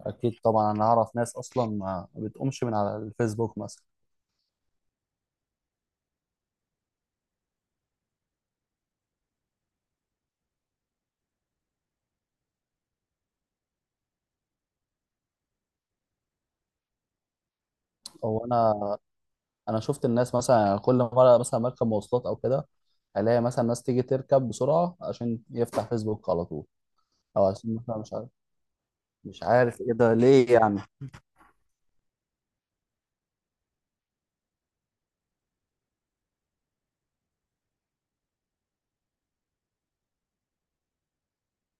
اكيد طبعا انا اعرف ناس اصلا ما بتقومش من على الفيسبوك مثلا. او انا انا شفت الناس مثلا كل مره مثلا مركب مواصلات او كده، الاقي مثلا ناس تيجي تركب بسرعه عشان يفتح فيسبوك على طول، او عشان مثلا مش عارف ايه ده ليه يعني.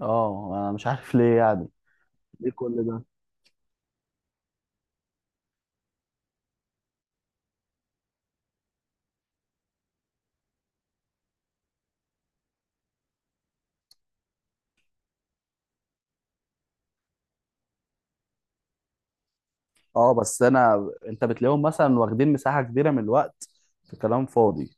اه انا مش عارف ليه يعني. ليه كل ده؟ اه بس انا انت بتلاقيهم مثلا واخدين مساحه كبيره من الوقت في كلام فاضي.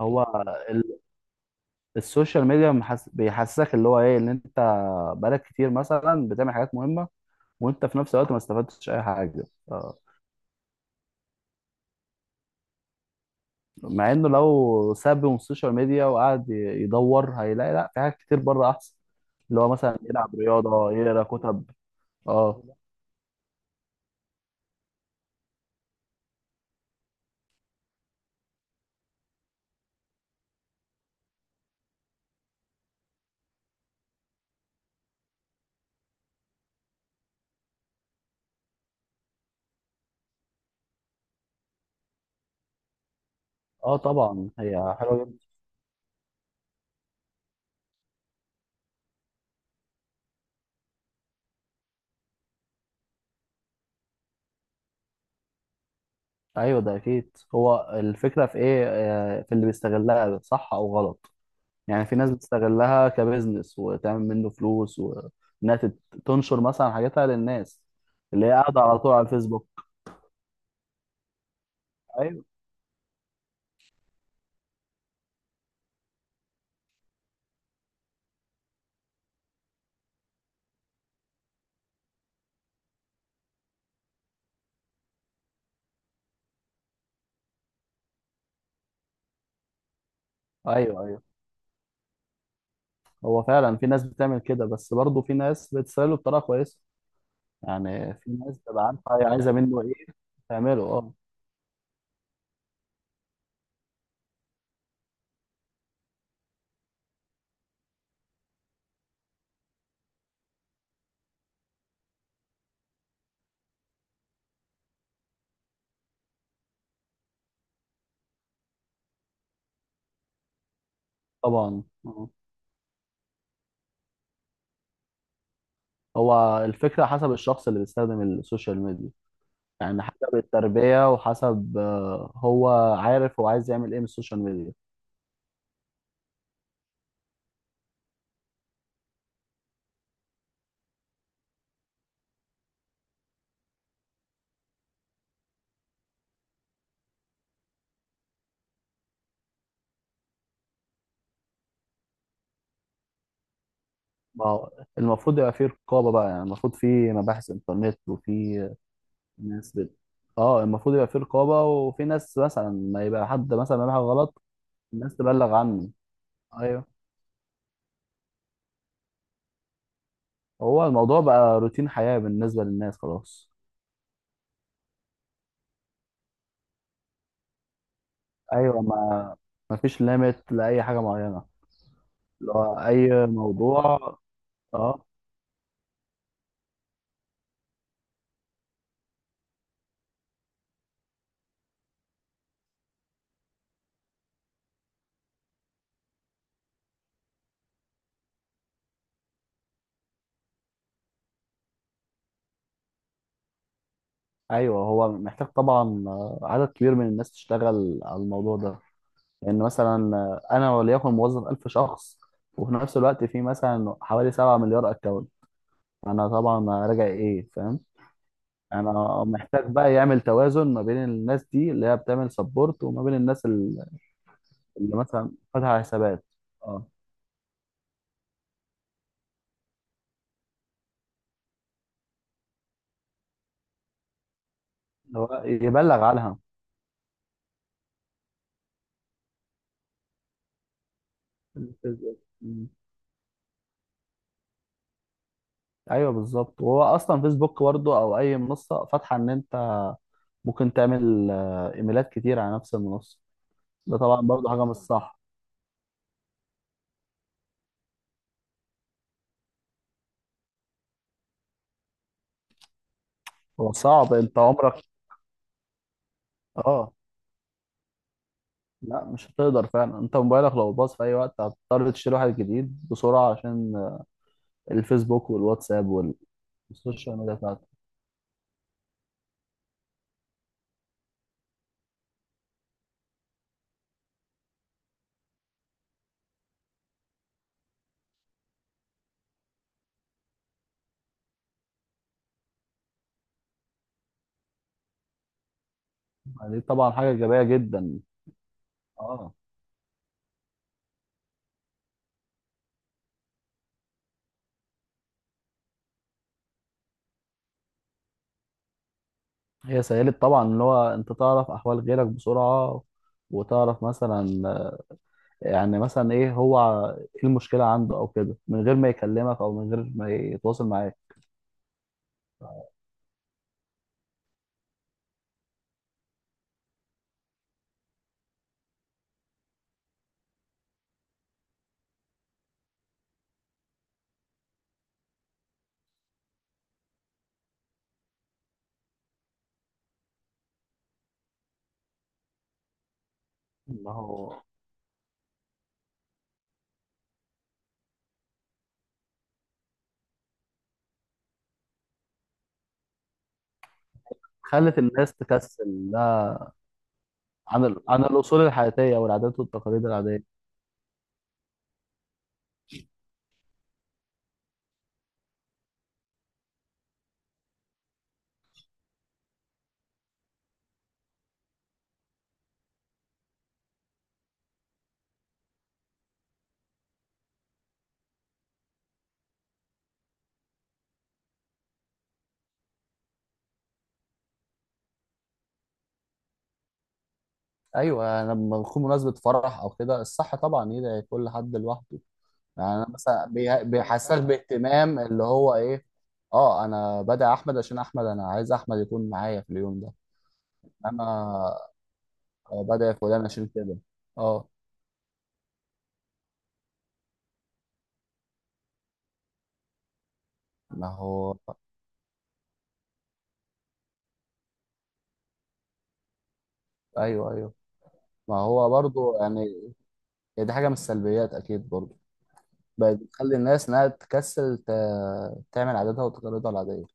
هو ال- السوشيال ميديا بيحسسك اللي هو ايه ان انت بقالك كتير مثلا بتعمل حاجات مهمه، وانت في نفس الوقت ما استفدتش اي حاجه. آه، مع انه لو ساب من السوشيال ميديا وقعد يدور هيلاقي لا، في حاجات كتير بره احسن. اللي هو مثلا يلعب رياضه، يقرا كتب. اه. اه طبعا هي حلوه جدا. ايوه ده اكيد. هو الفكره في ايه؟ في اللي بيستغلها صح او غلط. يعني في ناس بتستغلها كبزنس وتعمل منه فلوس، وانها تنشر مثلا حاجاتها للناس اللي هي قاعده على طول على الفيسبوك. ايوه، ايوه، أيوة. هو فعلا في ناس بتعمل كده، بس برضه في ناس بتسأله بطريقة كويسة. يعني في ناس بتبقى عارفة هي عايزة منه ايه تعمله. اه طبعا آه. هو الفكرة حسب الشخص اللي بيستخدم السوشيال ميديا. يعني حسب التربية وحسب هو عارف هو عايز يعمل ايه من السوشيال ميديا. ما هو المفروض يبقى في رقابة بقى. يعني المفروض في مباحث انترنت وفي ناس بت... اه المفروض يبقى في رقابة، وفي ناس مثلا، ما يبقى حد مثلا بيعمل حاجة غلط الناس تبلغ عنه. ايوه. هو الموضوع بقى روتين حياة بالنسبة للناس خلاص. ايوه. ما فيش ليميت لأي حاجة معينة. اللي هو اي موضوع. اه. ايوه هو محتاج طبعا عدد كبير من الناس تشتغل على الموضوع ده. لان مثلا انا وليكن موظف 1000 شخص، وفي نفس الوقت في مثلا حوالي 7 مليار اكونت. انا طبعا راجع ايه؟ فاهم؟ انا محتاج بقى يعمل توازن ما بين الناس دي اللي هي بتعمل سبورت، وما بين الناس اللي اللي مثلا فاتحة حسابات. اه اللي هو يبلغ عنها الفيسبوك. مم. ايوه بالظبط. وهو اصلا فيسبوك برضه او اي منصه فاتحه ان انت ممكن تعمل ايميلات كتير على نفس المنصه. ده طبعا برضه حاجه مش صح. هو صعب انت عمرك. اه لا مش هتقدر فعلا. انت موبايلك لو باظ في اي وقت هتضطر تشتري واحد جديد بسرعه، عشان الفيسبوك والواتساب والسوشيال ميديا بتاعتك. دي طبعا حاجه ايجابيه جدا. اه هي سهلت طبعا اللي هو انت تعرف احوال غيرك بسرعه، وتعرف مثلا، يعني مثلا ايه هو ايه المشكله عنده او كده، من غير ما يكلمك او من غير ما يتواصل معاك. ما هو خلت الناس تكسل ده عن الاصول الحياتيه والعادات والتقاليد العاديه. ايوه يعني لما بكون مناسبه فرح او كده الصح طبعا يدعي كل حد لوحده. يعني انا مثلا بيحسسك باهتمام اللي هو ايه. اه انا بدعي احمد عشان احمد انا عايز احمد يكون معايا في اليوم ده. انا بدعي فلان عشان كده. اه ما هو. ايوه، ايوه، ما هو برضو يعني دي حاجة من السلبيات أكيد برضو. بقت بتخلي الناس إنها تعمل عاداتها وتقاليدها العادية.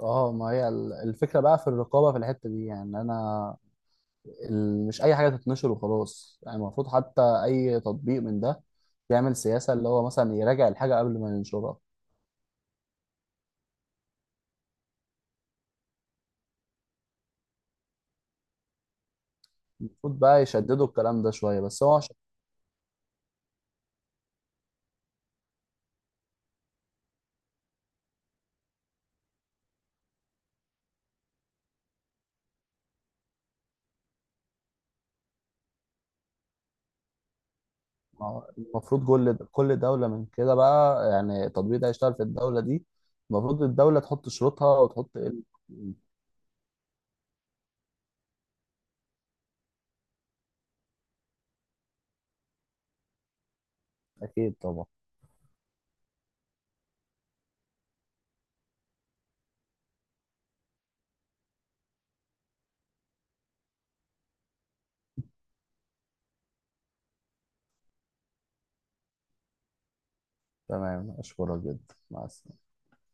اه ما هي الفكرة بقى في الرقابة في الحتة دي. يعني أنا مش أي حاجة تتنشر وخلاص. يعني المفروض حتى أي تطبيق من ده يعمل سياسة اللي هو مثلا يراجع الحاجة قبل ما ينشرها. المفروض بقى يشددوا الكلام ده شوية، بس هو عشان ما هو المفروض كل دولة من كده بقى، يعني التطبيق ده هيشتغل في الدولة دي المفروض الدولة تحط شروطها وتحط إيه. أكيد طبعا. تمام أشكرك جدا، مع السلامة.